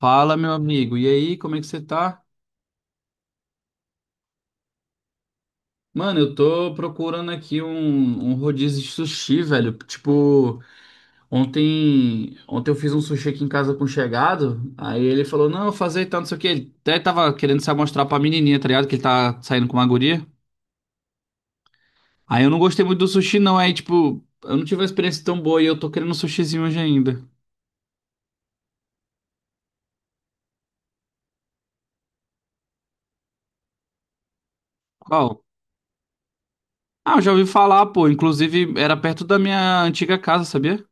Fala, meu amigo. E aí, como é que você tá? Mano, eu tô procurando aqui um rodízio de sushi, velho. Tipo, ontem eu fiz um sushi aqui em casa com um chegado. Aí ele falou: Não, eu fazer e tal, não sei o quê. Ele até tava querendo se amostrar pra menininha, tá ligado? Que ele tá saindo com uma guria. Aí eu não gostei muito do sushi, não. Aí, tipo, eu não tive uma experiência tão boa e eu tô querendo um sushizinho hoje ainda. Qual? Ah, eu já ouvi falar, pô. Inclusive, era perto da minha antiga casa, sabia?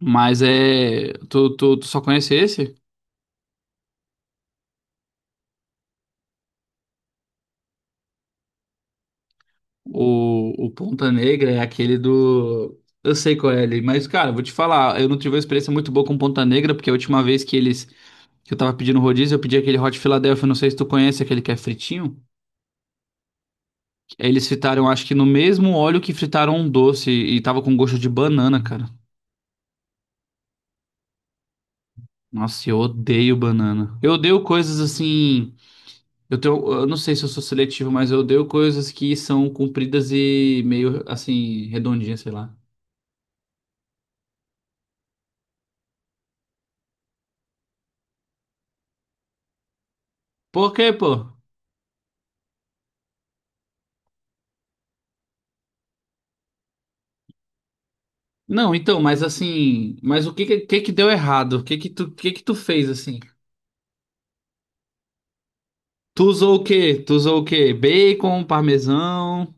Mas é. Tu só conhece esse? O Ponta Negra é aquele do. Eu sei qual é ele, mas, cara, vou te falar, eu não tive uma experiência muito boa com Ponta Negra, porque a última vez que eles. Que eu tava pedindo rodízio, eu pedi aquele Hot Philadelphia, não sei se tu conhece aquele que é fritinho. Aí eles fritaram, acho que no mesmo óleo que fritaram um doce, e tava com gosto de banana, cara. Nossa, eu odeio banana. Eu odeio coisas assim. Eu não sei se eu sou seletivo, mas eu odeio coisas que são compridas e meio assim, redondinhas, sei lá. Por quê, pô? Não, então, mas assim, mas que que deu errado? O que que tu fez assim? Tu usou o quê? Tu usou o quê? Bacon, parmesão?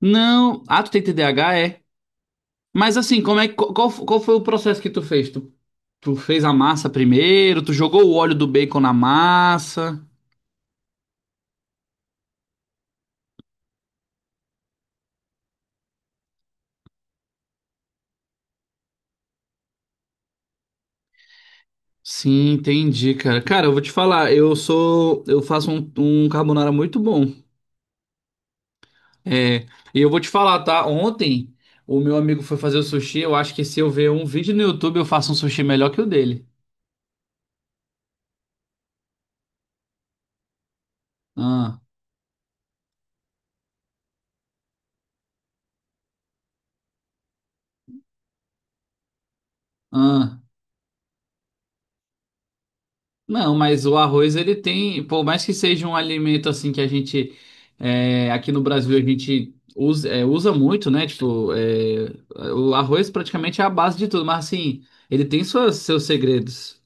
Não. Ah, tu tem TDAH, é? Mas assim, como é que- qual, qual foi o processo que tu fez? Tu, tu fez a massa primeiro, tu jogou o óleo do bacon na massa? Sim, entendi, cara. Cara, eu vou te falar, eu faço um carbonara muito bom. É, e eu vou te falar, tá? Ontem o meu amigo foi fazer o sushi. Eu acho que se eu ver um vídeo no YouTube, eu faço um sushi melhor que o dele. Ah, ah. Não, mas o arroz ele tem, por mais que seja um alimento assim que a gente é, aqui no Brasil a gente usa, é, usa muito, né? Tipo, é, o arroz praticamente é a base de tudo, mas assim, ele tem seus segredos.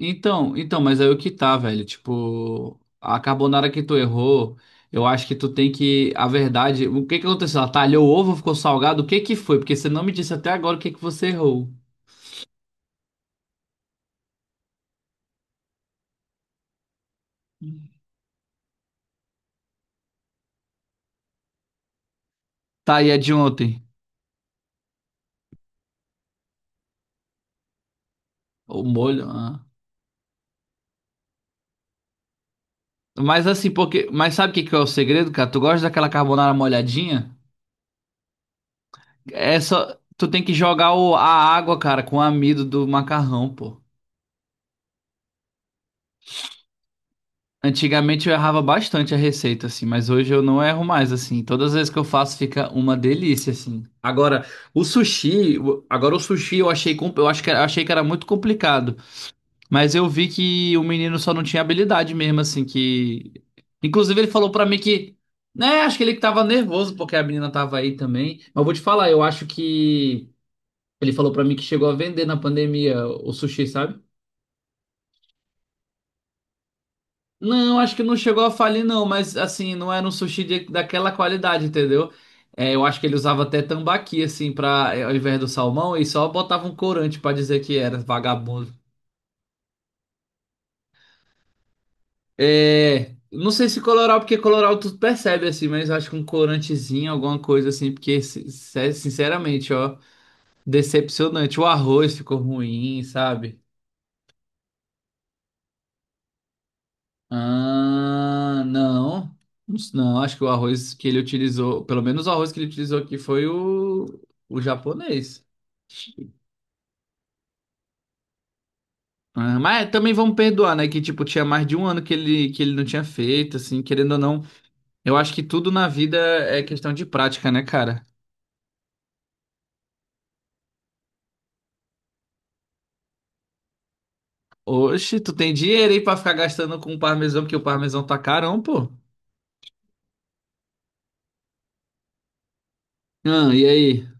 Então, mas aí o que tá, velho? Tipo, a carbonara que tu errou, eu acho que tu tem que. A verdade, o que que aconteceu? Ela talhou o ovo, ficou salgado? O que que foi? Porque você não me disse até agora o que que você errou. Tá, e a de ontem? O molho? Ah. Mas assim, porque. Mas sabe o que que é o segredo, cara? Tu gosta daquela carbonara molhadinha? É só. Tu tem que jogar a água, cara, com o amido do macarrão, pô. Antigamente eu errava bastante a receita, assim, mas hoje eu não erro mais, assim. Todas as vezes que eu faço fica uma delícia, assim. Agora, agora o sushi eu achei, eu acho que era- achei que era muito complicado, mas eu vi que o menino só não tinha habilidade mesmo, assim, que inclusive ele falou pra mim que, né, acho que ele que tava nervoso porque a menina tava aí também. Mas eu vou te falar, eu acho que ele falou pra mim que chegou a vender na pandemia o sushi, sabe? Não, acho que não chegou a falir, não, mas assim, não era um sushi de- daquela qualidade, entendeu? É, eu acho que ele usava até tambaqui, assim, pra, ao invés do salmão, e só botava um corante pra dizer que era vagabundo. É, não sei se coloral, porque coloral tu percebe, assim, mas acho que um corantezinho, alguma coisa assim, porque, sinceramente, ó, decepcionante. O arroz ficou ruim, sabe? Ah, não. Não, acho que o arroz que ele utilizou, pelo menos o arroz que ele utilizou aqui foi o japonês. Ah, mas também vamos perdoar, né? Que tipo, tinha mais de um ano que ele não tinha feito, assim, querendo ou não. Eu acho que tudo na vida é questão de prática, né, cara? Oxe, tu tem dinheiro aí pra ficar gastando com o parmesão, porque o parmesão tá carão, pô. Ah, e aí?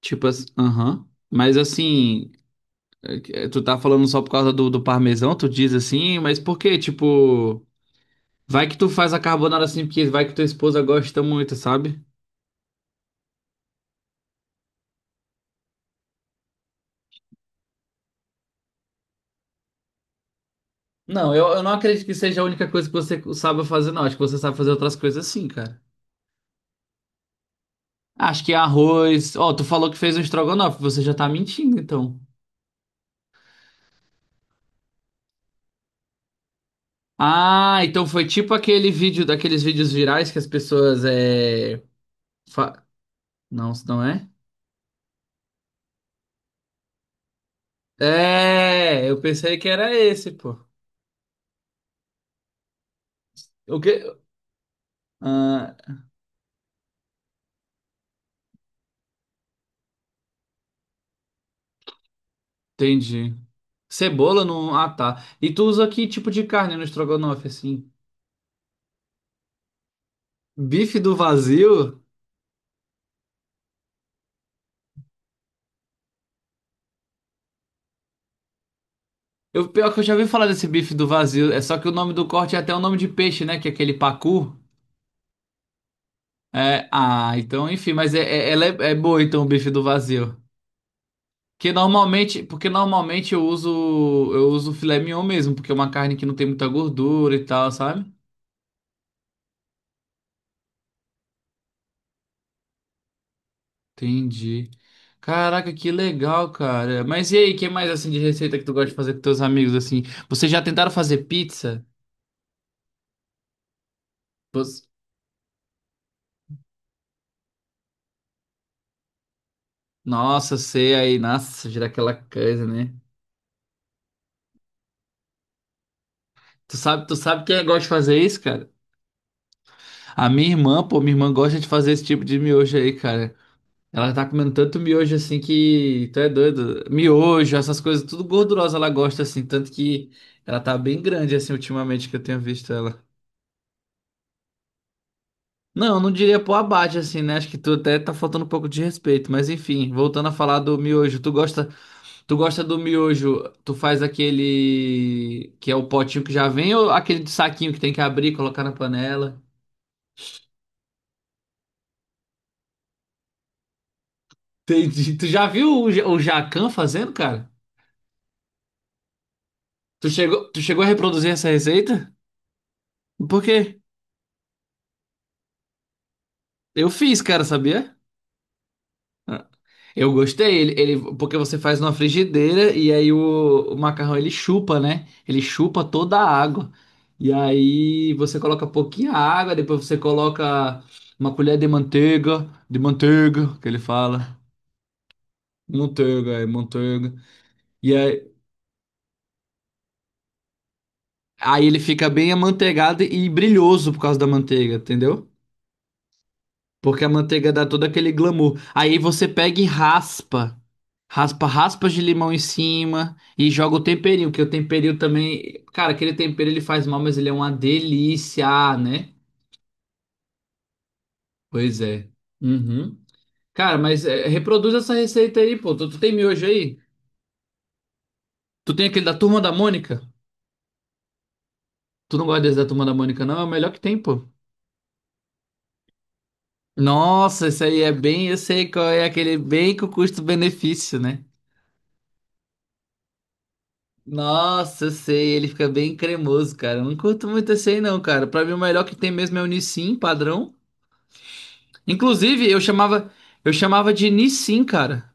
Tipo assim, aham. Mas assim. É, tu tá falando só por causa do parmesão, tu diz assim, mas por quê? Tipo, vai que tu faz a carbonara assim, porque vai que tua esposa gosta muito, sabe? Não, eu não acredito que seja a única coisa que você sabe fazer, não. Acho que você sabe fazer outras coisas assim, cara. Acho que arroz. Ó, tu falou que fez um estrogonofe, você já tá mentindo, então. Ah, então foi tipo aquele vídeo, daqueles vídeos virais que as pessoas é. fa- Não, isso não é? É, eu pensei que era esse, pô. O quê? Ah, entendi. Cebola não. Ah, tá. E tu usa que tipo de carne no estrogonofe, assim? Bife do vazio? Eu, pior que eu já ouvi falar desse bife do vazio. É só que o nome do corte é até o nome de peixe, né? Que é aquele pacu. É, ah, então, enfim, mas ela é boa, então, o bife do vazio. Que normalmente, porque normalmente eu uso filé mignon mesmo, porque é uma carne que não tem muita gordura e tal, sabe? Entendi. Caraca, que legal, cara. Mas e aí, que mais assim de receita que tu gosta de fazer com teus amigos assim? Vocês já tentaram fazer pizza? Pos- Nossa, eu sei aí, nossa, gira aquela coisa, né? Tu sabe quem gosta de fazer isso, cara? A minha irmã, pô, minha irmã gosta de fazer esse tipo de miojo aí, cara. Ela tá comendo tanto miojo assim que tu é doido. Miojo, essas coisas, tudo gordurosa ela gosta assim, tanto que ela tá bem grande assim ultimamente que eu tenho visto ela. Não, eu não diria pô abate assim, né? Acho que tu até tá faltando um pouco de respeito, mas enfim, voltando a falar do miojo, tu gosta do miojo, tu faz aquele que é o potinho que já vem ou aquele de saquinho que tem que abrir e colocar na panela? Entendi. Tu já viu o, o Jacan fazendo, cara? Tu chegou a reproduzir essa receita? Por quê? Eu fiz, cara, sabia? Eu gostei, ele- porque você faz numa frigideira e aí o macarrão ele chupa, né? Ele chupa toda a água. E aí você coloca pouquinha água, depois você coloca uma colher de manteiga, que ele fala. Manteiga, é manteiga. E aí, ele fica bem amanteigado e brilhoso por causa da manteiga, entendeu? Porque a manteiga dá todo aquele glamour. Aí você pega e raspa. Raspa raspas de limão em cima e joga o temperinho, que o temperinho também. Cara, aquele tempero ele faz mal, mas ele é uma delícia, ah, né? Pois é. Uhum. Cara, mas é, reproduz essa receita aí, pô. Tu, tu tem miojo aí? Tu tem aquele da Turma da Mônica? Tu não gosta desse da Turma da Mônica, não? É o melhor que tem, pô. Nossa, esse aí é bem, eu sei qual é aquele bem com custo-benefício, né? Nossa, eu sei, ele fica bem cremoso, cara. Eu não curto muito esse aí não, cara. Pra mim o melhor que tem mesmo é o Nissin padrão. Inclusive, eu chamava de Nissin, cara.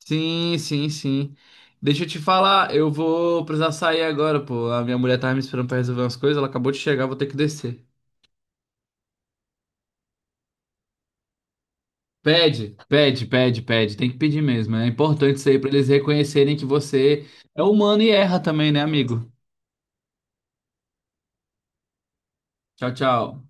Sim, sim, sim. Deixa eu te falar, eu vou precisar sair agora, pô. A minha mulher tava me esperando pra resolver umas coisas, ela acabou de chegar, vou ter que descer. Pede, pede, pede, pede. Tem que pedir mesmo. É importante isso aí pra eles reconhecerem que você é humano e erra também, né, amigo? Tchau, tchau.